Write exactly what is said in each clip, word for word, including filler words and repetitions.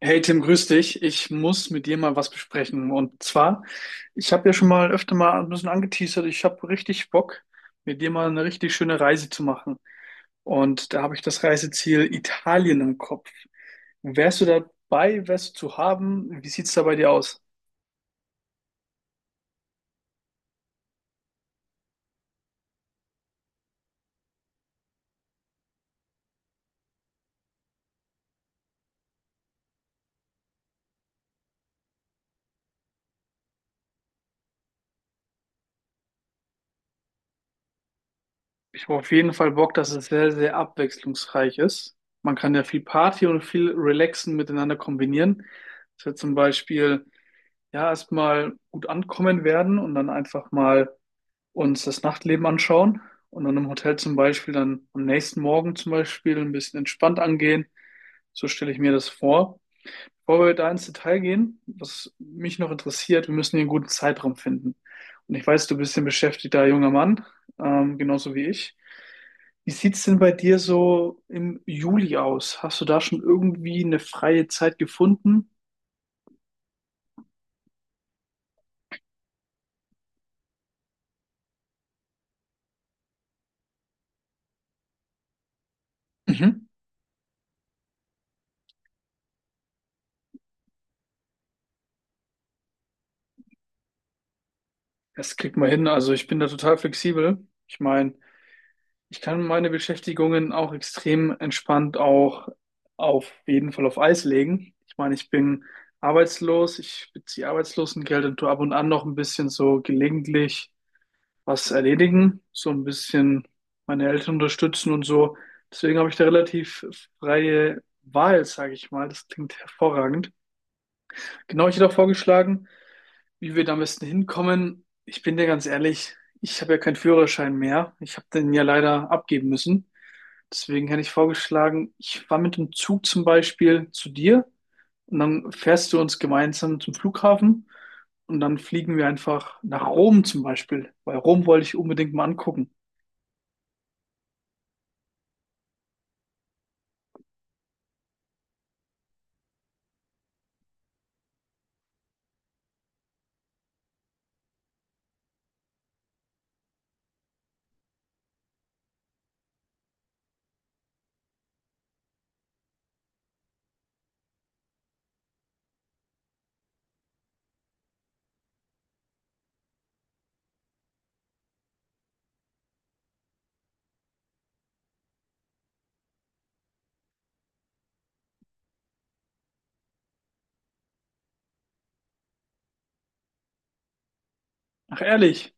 Hey Tim, grüß dich. Ich muss mit dir mal was besprechen. Und zwar, ich habe ja schon mal öfter mal ein bisschen angeteasert, ich habe richtig Bock, mit dir mal eine richtig schöne Reise zu machen. Und da habe ich das Reiseziel Italien im Kopf. Wärst du dabei? Wärst du zu haben? Wie sieht's da bei dir aus? Ich habe auf jeden Fall Bock, dass es sehr, sehr abwechslungsreich ist. Man kann ja viel Party und viel Relaxen miteinander kombinieren. Dass wir zum Beispiel ja erstmal gut ankommen werden und dann einfach mal uns das Nachtleben anschauen und dann im Hotel zum Beispiel dann am nächsten Morgen zum Beispiel ein bisschen entspannt angehen. So stelle ich mir das vor. Bevor wir da ins Detail gehen, was mich noch interessiert, wir müssen hier einen guten Zeitraum finden. Und ich weiß, du bist ein beschäftigter junger Mann, ähm, genauso wie ich. Wie sieht's denn bei dir so im Juli aus? Hast du da schon irgendwie eine freie Zeit gefunden? Mhm. Das kriegt man hin. Also ich bin da total flexibel. Ich meine, ich kann meine Beschäftigungen auch extrem entspannt auch auf jeden Fall auf Eis legen. Ich meine, ich bin arbeitslos, ich beziehe Arbeitslosengeld und tue ab und an noch ein bisschen so gelegentlich was erledigen, so ein bisschen meine Eltern unterstützen und so. Deswegen habe ich da relativ freie Wahl, sage ich mal. Das klingt hervorragend. Genau, ich hätte auch vorgeschlagen, wie wir da am besten hinkommen. Ich bin dir ganz ehrlich, ich habe ja keinen Führerschein mehr. Ich habe den ja leider abgeben müssen. Deswegen hätte ich vorgeschlagen, ich fahre mit dem Zug zum Beispiel zu dir und dann fährst du uns gemeinsam zum Flughafen und dann fliegen wir einfach nach Rom zum Beispiel, weil Rom wollte ich unbedingt mal angucken. Ach ehrlich,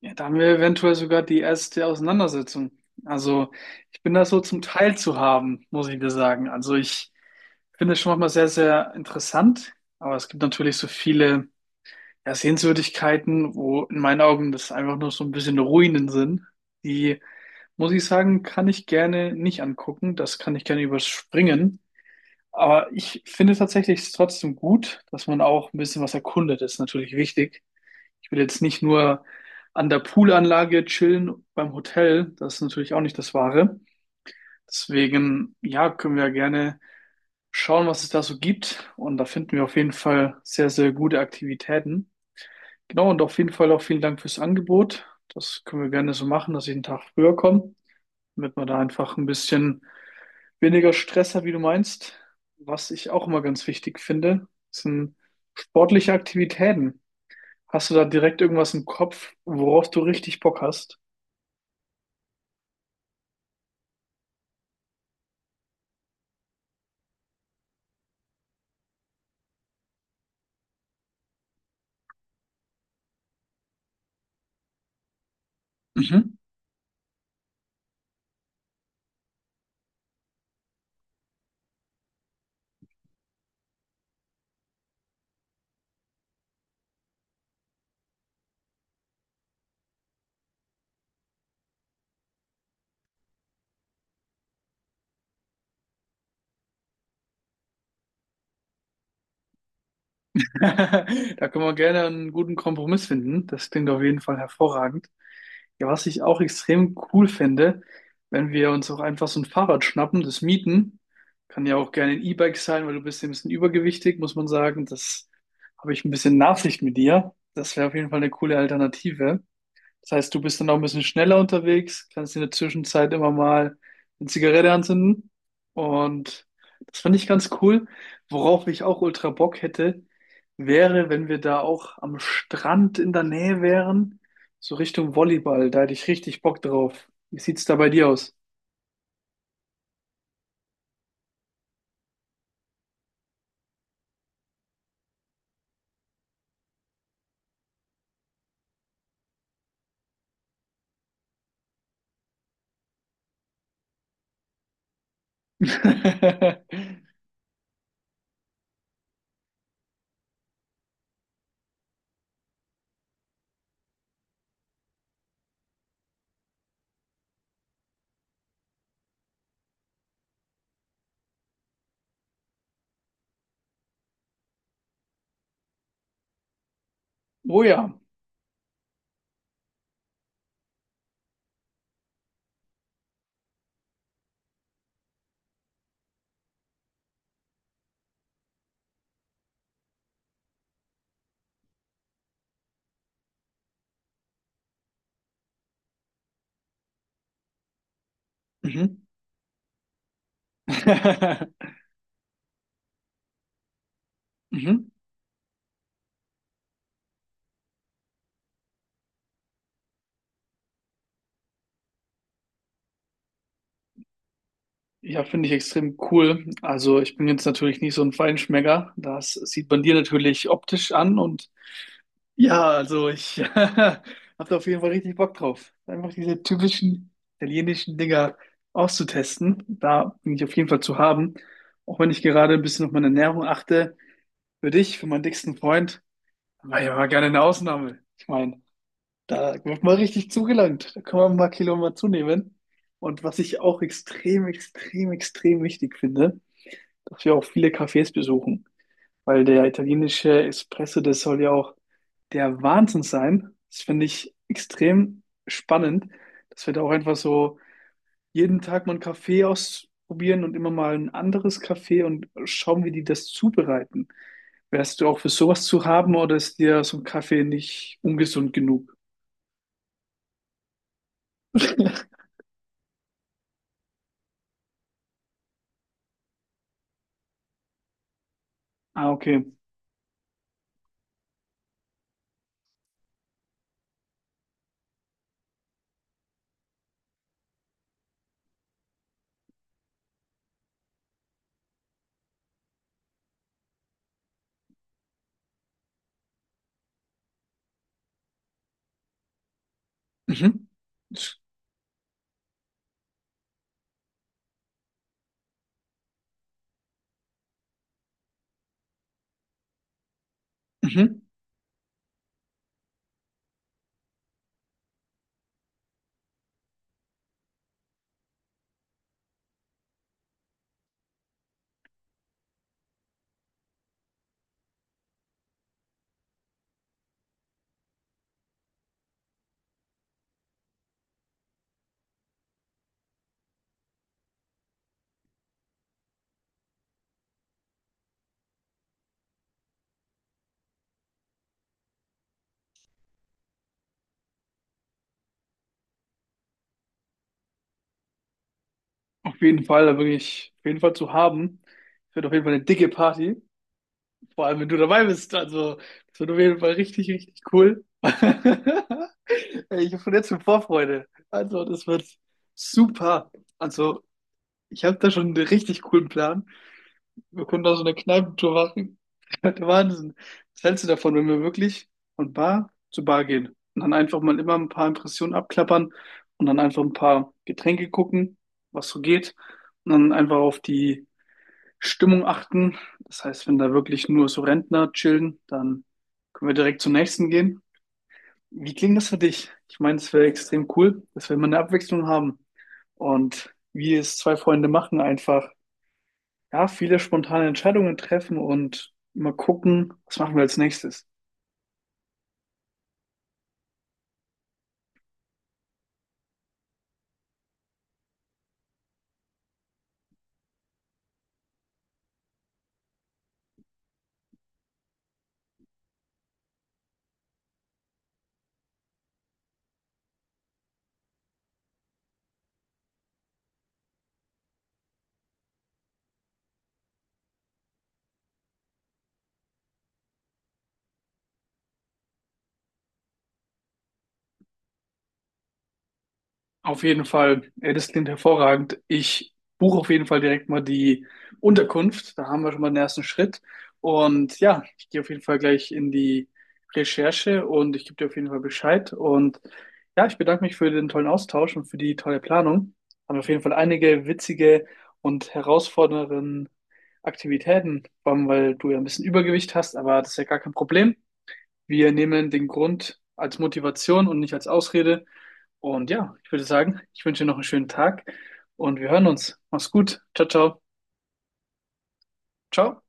ja, da haben wir eventuell sogar die erste Auseinandersetzung. Also ich bin da so zum Teil zu haben, muss ich dir sagen. Also ich finde es schon manchmal sehr, sehr interessant, aber es gibt natürlich so viele ja, Sehenswürdigkeiten, wo in meinen Augen das einfach nur so ein bisschen Ruinen sind, die muss ich sagen, kann ich gerne nicht angucken. Das kann ich gerne überspringen. Aber ich finde tatsächlich es trotzdem gut, dass man auch ein bisschen was erkundet. Das ist natürlich wichtig. Ich will jetzt nicht nur an der Poolanlage chillen beim Hotel. Das ist natürlich auch nicht das Wahre. Deswegen, ja, können wir gerne schauen, was es da so gibt. Und da finden wir auf jeden Fall sehr, sehr gute Aktivitäten. Genau, und auf jeden Fall auch vielen Dank fürs Angebot. Das können wir gerne so machen, dass ich einen Tag früher komme, damit wir da einfach ein bisschen weniger Stress hat, wie du meinst. Was ich auch immer ganz wichtig finde, sind sportliche Aktivitäten. Hast du da direkt irgendwas im Kopf, worauf du richtig Bock hast? Mhm. Da können wir gerne einen guten Kompromiss finden. Das klingt auf jeden Fall hervorragend. Ja, was ich auch extrem cool finde, wenn wir uns auch einfach so ein Fahrrad schnappen, das mieten. Kann ja auch gerne ein E-Bike sein, weil du bist ja ein bisschen übergewichtig, muss man sagen. Das habe ich ein bisschen Nachsicht mit dir. Das wäre auf jeden Fall eine coole Alternative. Das heißt, du bist dann auch ein bisschen schneller unterwegs, kannst in der Zwischenzeit immer mal eine Zigarette anzünden. Und das fand ich ganz cool. Worauf ich auch ultra Bock hätte, wäre, wenn wir da auch am Strand in der Nähe wären, so Richtung Volleyball. Da hätte ich richtig Bock drauf. Wie sieht's da bei dir aus? Oh ja. Mhm. Mhm. Ja, finde ich extrem cool. Also ich bin jetzt natürlich nicht so ein Feinschmecker. Das sieht man dir natürlich optisch an und ja, also ich habe da auf jeden Fall richtig Bock drauf. Einfach diese typischen italienischen Dinger auszutesten. Da bin ich auf jeden Fall zu haben. Auch wenn ich gerade ein bisschen auf meine Ernährung achte. Für dich, für meinen dicksten Freund, war ja mal gerne eine Ausnahme. Ich meine, da wird mal richtig zugelangt. Da kann man ein paar Kilo mal zunehmen. Und was ich auch extrem, extrem, extrem wichtig finde, dass wir auch viele Cafés besuchen. Weil der italienische Espresso, das soll ja auch der Wahnsinn sein. Das finde ich extrem spannend, dass wir da auch einfach so jeden Tag mal einen Kaffee ausprobieren und immer mal ein anderes Kaffee und schauen, wie die das zubereiten. Wärst du auch für sowas zu haben oder ist dir so ein Kaffee nicht ungesund genug? Ah, okay. Mhm. Das- Mhm. Auf jeden Fall, da bin ich auf jeden Fall zu haben. Wird auf jeden Fall eine dicke Party. Vor allem, wenn du dabei bist. Also, das wird auf jeden Fall richtig, richtig cool. Ey, ich habe schon jetzt schon Vorfreude. Also, das wird super. Also, ich habe da schon einen richtig coolen Plan. Wir können da so eine Kneipentour machen. Der Wahnsinn. Was hältst du davon, wenn wir wirklich von Bar zu Bar gehen und dann einfach mal immer ein paar Impressionen abklappern und dann einfach ein paar Getränke gucken, was so geht und dann einfach auf die Stimmung achten. Das heißt, wenn da wirklich nur so Rentner chillen, dann können wir direkt zum nächsten gehen. Wie klingt das für dich? Ich meine, es wäre extrem cool, dass wir immer eine Abwechslung haben. Und wie es zwei Freunde machen, einfach, ja, viele spontane Entscheidungen treffen und immer gucken, was machen wir als nächstes. Auf jeden Fall, ja, das klingt hervorragend. Ich buche auf jeden Fall direkt mal die Unterkunft. Da haben wir schon mal den ersten Schritt. Und ja, ich gehe auf jeden Fall gleich in die Recherche und ich gebe dir auf jeden Fall Bescheid. Und ja, ich bedanke mich für den tollen Austausch und für die tolle Planung. Haben auf jeden Fall einige witzige und herausfordernde Aktivitäten, vor allem weil du ja ein bisschen Übergewicht hast, aber das ist ja gar kein Problem. Wir nehmen den Grund als Motivation und nicht als Ausrede. Und ja, ich würde sagen, ich wünsche dir noch einen schönen Tag und wir hören uns. Mach's gut. Ciao, ciao. Ciao.